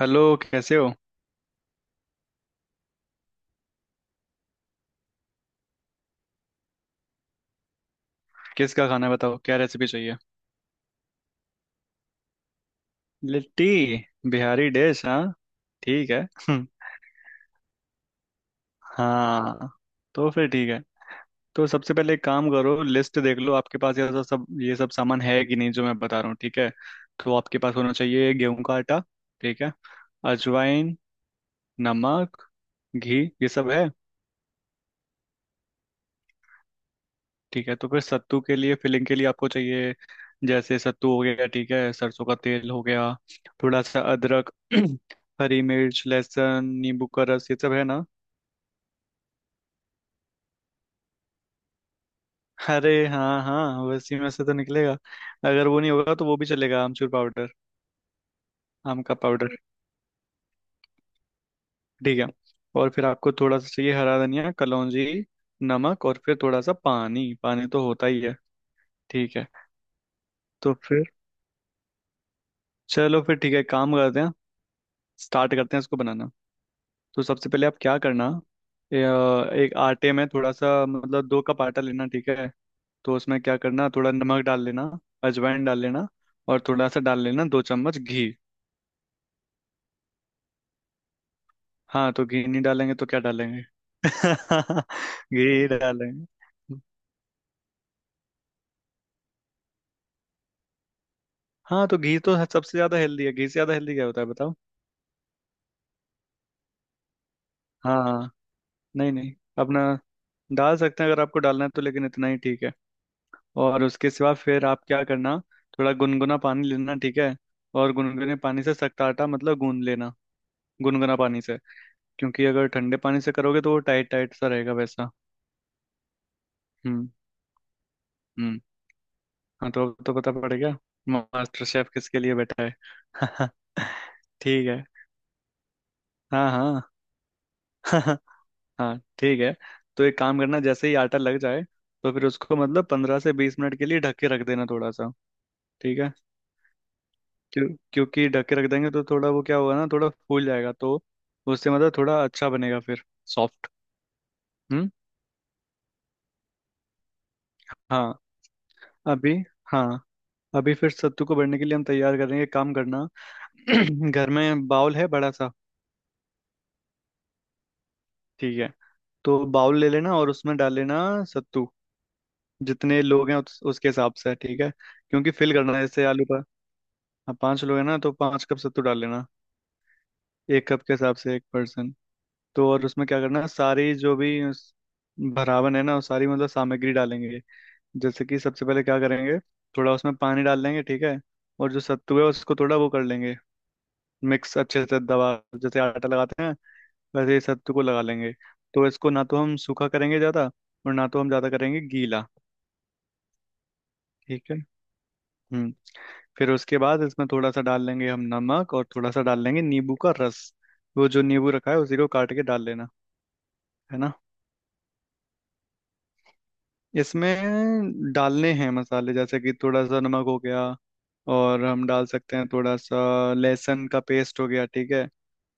Hello, कैसे हो? किसका खाना है बताओ, क्या रेसिपी चाहिए? लिट्टी, बिहारी डिश। हाँ, ठीक है। हाँ, तो फिर ठीक है। तो सबसे पहले एक काम करो, लिस्ट देख लो आपके पास ये सब सब- ये सब सामान है कि नहीं जो मैं बता रहा हूँ, ठीक है। तो आपके पास होना चाहिए गेहूं का आटा, ठीक है, अजवाइन, नमक, घी, ये सब है? ठीक है, तो फिर सत्तू के लिए, फिलिंग के लिए आपको चाहिए, जैसे सत्तू हो गया, ठीक है, सरसों का तेल हो गया, थोड़ा सा अदरक, हरी मिर्च, लहसुन, नींबू का रस, ये सब है ना? अरे हाँ हाँ, वैसे में से तो निकलेगा। अगर वो नहीं होगा तो वो भी चलेगा, आमचूर पाउडर, आम का पाउडर। ठीक है। और फिर आपको थोड़ा सा चाहिए हरा धनिया, कलौंजी, नमक, और फिर थोड़ा सा पानी, पानी तो होता ही है, ठीक है। तो फिर चलो फिर ठीक है, काम करते हैं। स्टार्ट करते हैं इसको बनाना। तो सबसे पहले आप क्या करना, एक आटे में थोड़ा सा मतलब दो कप आटा लेना, ठीक है। तो उसमें क्या करना, थोड़ा नमक डाल लेना, अजवाइन डाल लेना, और थोड़ा सा डाल लेना दो चम्मच घी। हाँ तो घी नहीं डालेंगे तो क्या डालेंगे? घी डालेंगे। हाँ तो घी तो सबसे ज्यादा हेल्दी है, घी से ज्यादा हेल्दी क्या होता है बताओ? हाँ हाँ। नहीं नहीं, अपना डाल सकते हैं अगर आपको डालना है तो, लेकिन इतना ही, ठीक है। और उसके सिवा फिर आप क्या करना, थोड़ा गुनगुना पानी लेना, ठीक है। और गुनगुने पानी से सख्त आटा मतलब गूंद लेना, गुनगुना पानी से। क्योंकि अगर ठंडे पानी से करोगे तो वो टाइट टाइट सा रहेगा वैसा। हम्म। हम्म। हाँ तो अब तो पता पड़ गया, मास्टर शेफ किसके लिए बैठा है? ठीक है। हाँ हाँ। हाँ ठीक है। तो एक काम करना, जैसे ही आटा लग जाए तो फिर उसको मतलब पंद्रह से बीस मिनट के लिए ढक के रख देना थोड़ा सा, ठीक है। क्यों, क्योंकि ढक के रख देंगे तो थोड़ा वो क्या होगा ना, थोड़ा फूल जाएगा, तो उससे मतलब थोड़ा अच्छा बनेगा फिर, सॉफ्ट। हम्म। हाँ अभी। हाँ अभी फिर सत्तू को भरने के लिए हम तैयार करेंगे, काम करना। घर में बाउल है बड़ा सा? ठीक है, तो बाउल ले लेना और उसमें डाल लेना सत्तू, जितने लोग हैं उसके हिसाब से, ठीक है। क्योंकि फिल करना है जैसे आलू पर। हाँ, पांच लोग हैं ना तो पांच कप सत्तू डाल लेना, एक कप के हिसाब से एक पर्सन। तो और उसमें क्या करना है, सारी जो भी उस भरावन है ना वो सारी मतलब सामग्री डालेंगे। जैसे कि सबसे पहले क्या करेंगे, थोड़ा उसमें पानी डाल देंगे, ठीक है। और जो सत्तू है उसको थोड़ा वो कर लेंगे मिक्स, अच्छे से दबा, जैसे आटा लगाते हैं वैसे ही सत्तू को लगा लेंगे। तो इसको ना तो हम सूखा करेंगे ज़्यादा और ना तो हम ज़्यादा करेंगे गीला, ठीक है। हम्म। फिर उसके बाद इसमें थोड़ा सा डाल लेंगे हम नमक, और थोड़ा सा डाल लेंगे नींबू का रस, वो जो नींबू रखा है उसी को काट के डाल लेना, है ना। इसमें डालने हैं मसाले, जैसे कि थोड़ा सा नमक हो गया, और हम डाल सकते हैं थोड़ा सा लहसुन का पेस्ट हो गया, ठीक है।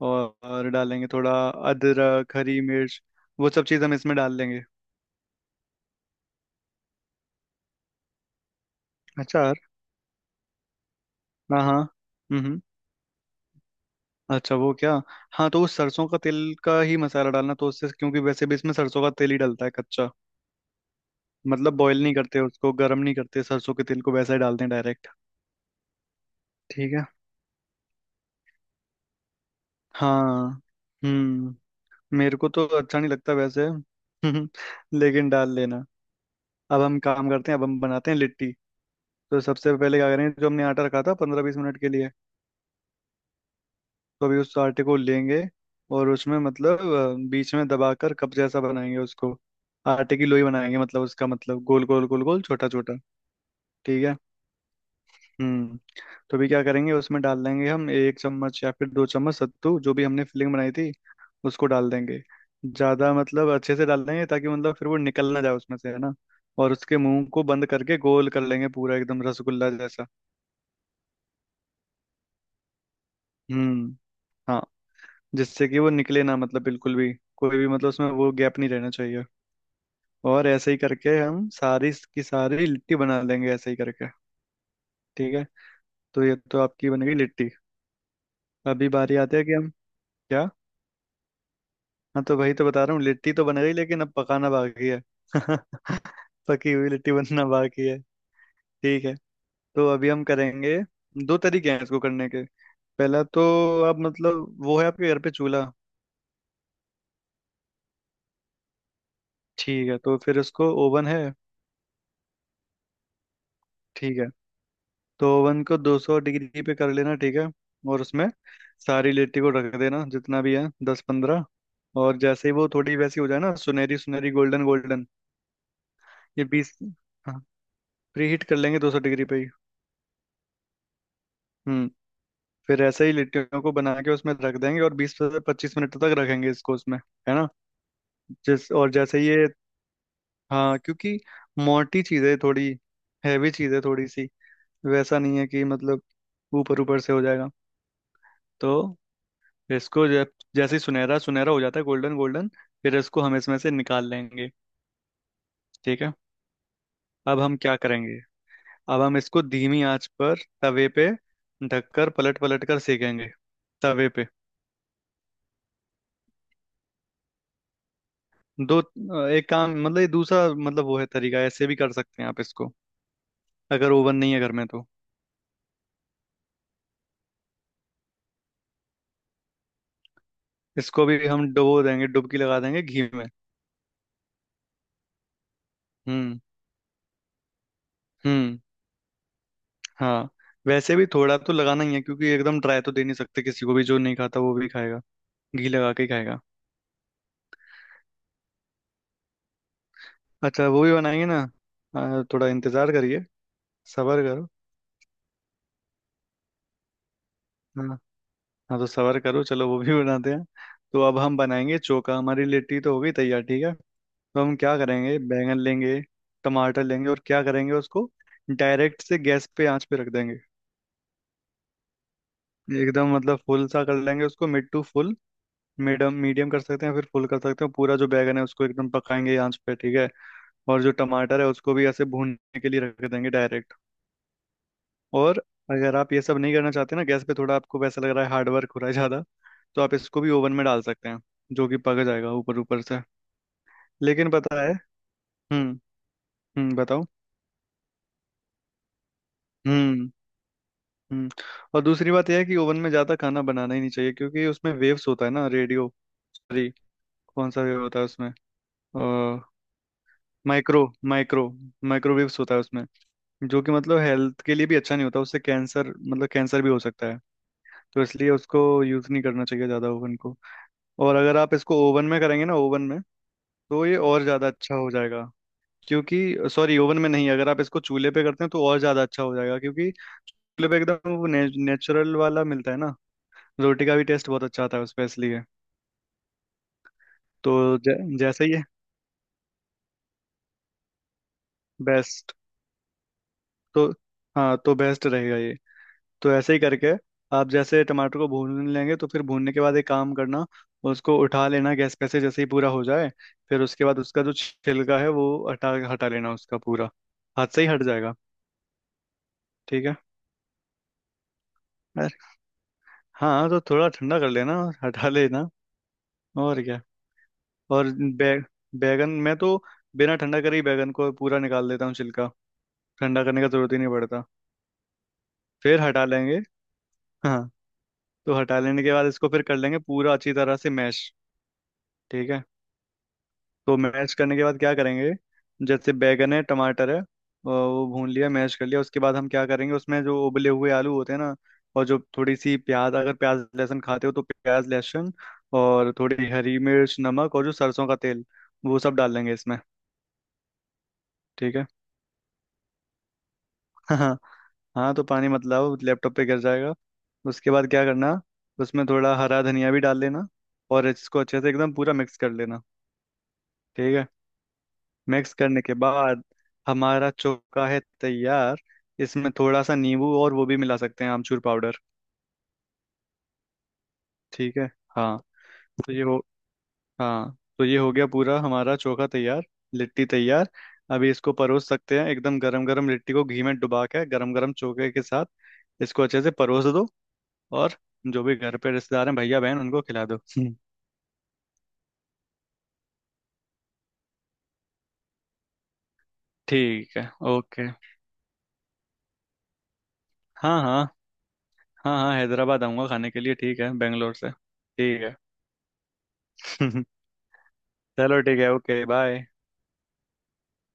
और डालेंगे थोड़ा अदरक, हरी मिर्च, वो सब चीज़ हम इसमें डाल लेंगे। अचार, हाँ हाँ। हम्म हम्म। अच्छा वो क्या। हाँ तो उस सरसों का तेल का ही मसाला डालना तो, उससे, क्योंकि वैसे भी इसमें सरसों का तेल ही डलता है कच्चा, मतलब बॉईल नहीं करते उसको, गर्म नहीं करते सरसों के तेल को, वैसे ही डालते हैं डायरेक्ट, ठीक है। हाँ। हम्म। मेरे को तो अच्छा नहीं लगता वैसे, लेकिन डाल लेना। अब हम काम करते हैं, अब हम बनाते हैं लिट्टी। तो सबसे पहले क्या करेंगे, जो हमने आटा रखा था पंद्रह बीस मिनट के लिए, तो अभी उस आटे को लेंगे और उसमें मतलब बीच में दबाकर कप जैसा बनाएंगे उसको, आटे की लोई बनाएंगे मतलब, उसका मतलब गोल गोल गोल गोल छोटा छोटा, ठीक है। हम्म। तो भी क्या करेंगे, उसमें डाल देंगे हम एक चम्मच या फिर दो चम्मच सत्तू, जो भी हमने फिलिंग बनाई थी उसको डाल देंगे ज्यादा, मतलब अच्छे से डाल देंगे ताकि मतलब फिर वो निकल ना जाए उसमें से, है ना। और उसके मुंह को बंद करके गोल कर लेंगे पूरा, एकदम रसगुल्ला जैसा। हम्म। हाँ, जिससे कि वो निकले ना मतलब बिल्कुल भी, कोई भी मतलब उसमें वो गैप नहीं रहना चाहिए। और ऐसे ही करके हम सारी की सारी लिट्टी बना लेंगे ऐसे ही करके, ठीक है। तो ये तो आपकी बन गई लिट्टी। अभी बारी आती है कि हम, क्या। हाँ तो भाई तो बता रहा हूँ, लिट्टी तो बन गई लेकिन अब पकाना बाकी है। पकी हुई लिट्टी बनना बाकी है, ठीक है। तो अभी हम करेंगे, दो तरीके हैं इसको करने के। पहला तो, आप मतलब वो है आपके घर पे चूल्हा? ठीक है तो फिर उसको, ओवन है? ठीक है। तो ओवन को 200 डिग्री पे कर लेना, ठीक है। और उसमें सारी लिट्टी को रख देना जितना भी है, दस पंद्रह। और जैसे ही वो थोड़ी वैसी हो जाए ना, सुनहरी सुनहरी गोल्डन गोल्डन, ये बीस। हाँ, प्री हीट कर लेंगे 200 डिग्री पे ही। हम्म। फिर ऐसे ही लिट्टियों को बना के उसमें रख देंगे और बीस से पच्चीस मिनट तक रखेंगे इसको उसमें, है ना। जिस और जैसे ये, हाँ क्योंकि मोटी चीज़ है थोड़ी, हैवी चीज़ है थोड़ी सी, वैसा नहीं है कि मतलब ऊपर ऊपर से हो जाएगा। तो इसको जब जैसे ही सुनहरा सुनहरा हो जाता है गोल्डन गोल्डन, फिर इसको हम इसमें से निकाल लेंगे, ठीक है। अब हम क्या करेंगे, अब हम इसको धीमी आंच पर तवे पे ढककर पलट पलट कर सेकेंगे, तवे पे। दो, एक काम मतलब, ये दूसरा मतलब वो है तरीका, ऐसे भी कर सकते हैं आप इसको अगर ओवन नहीं है घर में तो। इसको भी हम डुबो देंगे, डुबकी लगा देंगे घी में। हम्म। हम्म। हाँ, वैसे भी थोड़ा तो लगाना ही है, क्योंकि एकदम ड्राई तो दे नहीं सकते किसी को भी, जो नहीं खाता वो भी खाएगा, घी लगा के ही खाएगा। अच्छा वो भी बनाएंगे ना, हाँ, थोड़ा इंतजार करिए। सब्र करो। हाँ, हाँ तो सब्र करो, चलो वो भी बनाते हैं। तो अब हम बनाएंगे चोखा, हमारी लिट्टी तो हो गई तैयार, ठीक है। तो हम क्या करेंगे, बैंगन लेंगे, टमाटर लेंगे, और क्या करेंगे उसको, डायरेक्ट से गैस पे आंच पे रख देंगे, एकदम मतलब फुल सा कर लेंगे उसको, mid to full, medium medium कर सकते हैं फिर फुल कर सकते हैं, पूरा जो बैगन है उसको एकदम पकाएंगे आंच पे, ठीक है। और जो टमाटर है उसको भी ऐसे भूनने के लिए रख देंगे डायरेक्ट। और अगर आप ये सब नहीं करना चाहते ना गैस पे, थोड़ा आपको वैसा लग रहा है हार्ड वर्क हो रहा है ज़्यादा, तो आप इसको भी ओवन में डाल सकते हैं, जो कि पक जाएगा ऊपर ऊपर से। लेकिन पता है, हम्म, बताओ। हम्म। हम्म। और दूसरी बात यह है कि ओवन में ज्यादा खाना बनाना ही नहीं चाहिए, क्योंकि उसमें वेव्स होता है ना रेडियो, सॉरी, कौन सा वेव होता है उसमें, माइक्रो, माइक्रो, माइक्रोवेव्स होता है उसमें, जो कि मतलब हेल्थ के लिए भी अच्छा नहीं होता, उससे कैंसर मतलब कैंसर भी हो सकता है। तो इसलिए उसको यूज नहीं करना चाहिए ज्यादा, ओवन को। और अगर आप इसको ओवन में करेंगे ना, ओवन में, तो ये और ज्यादा अच्छा हो जाएगा, क्योंकि, सॉरी ओवन में नहीं, अगर आप इसको चूल्हे पे करते हैं तो और ज्यादा अच्छा हो जाएगा, क्योंकि चूल्हे पे एकदम वो नेचुरल वाला मिलता है ना, रोटी का भी टेस्ट बहुत अच्छा आता है उसमें, इसलिए। तो जै, जैसे ही, बेस्ट, तो हाँ तो बेस्ट रहेगा ये। तो ऐसे ही करके आप जैसे टमाटर को भून लेंगे तो फिर भूनने के बाद एक काम करना, उसको उठा लेना गैस पे से जैसे ही पूरा हो जाए, फिर उसके बाद उसका जो छिलका है वो हटा हटा लेना उसका पूरा, हाथ से ही हट जाएगा, ठीक है। अरे, हाँ तो थोड़ा ठंडा कर लेना और हटा लेना, और क्या। और बैगन मैं तो बिना ठंडा करे ही बैगन को पूरा निकाल देता हूँ छिलका, ठंडा करने का जरूरत ही नहीं पड़ता, फिर हटा लेंगे। हाँ, तो हटा लेने के बाद इसको फिर कर लेंगे पूरा अच्छी तरह से मैश, ठीक है। तो मैश करने के बाद क्या करेंगे, जैसे बैगन है, टमाटर है, वो भून लिया, मैश कर लिया, उसके बाद हम क्या करेंगे, उसमें जो उबले हुए आलू होते हैं ना, और जो थोड़ी सी प्याज, अगर प्याज लहसुन खाते हो तो प्याज लहसुन, और थोड़ी हरी मिर्च, नमक, और जो सरसों का तेल, वो सब डाल देंगे इसमें, ठीक है। हाँ। हाँ तो पानी मत लाओ, लैपटॉप पे गिर जाएगा। उसके बाद क्या करना, उसमें थोड़ा हरा धनिया भी डाल लेना, और इसको अच्छे से एकदम पूरा मिक्स कर लेना, ठीक है। मिक्स करने के बाद हमारा चोखा है तैयार, इसमें थोड़ा सा नींबू, और वो भी मिला सकते हैं आमचूर पाउडर, ठीक है। हाँ तो ये हो, हाँ तो ये हो गया पूरा हमारा चोखा तैयार, लिट्टी तैयार। अभी इसको परोस सकते हैं एकदम गरम गरम लिट्टी को घी में डुबा के गरम गरम चोखे के साथ, इसको अच्छे से परोस दो। और जो भी घर पे रिश्तेदार हैं, भैया, बहन, उनको खिला दो। ठीक है, ओके। हाँ हाँ। हाँ हाँ, हैदराबाद आऊंगा खाने के लिए, ठीक है, बेंगलोर से, ठीक है। चलो ठीक है, ओके, बाय।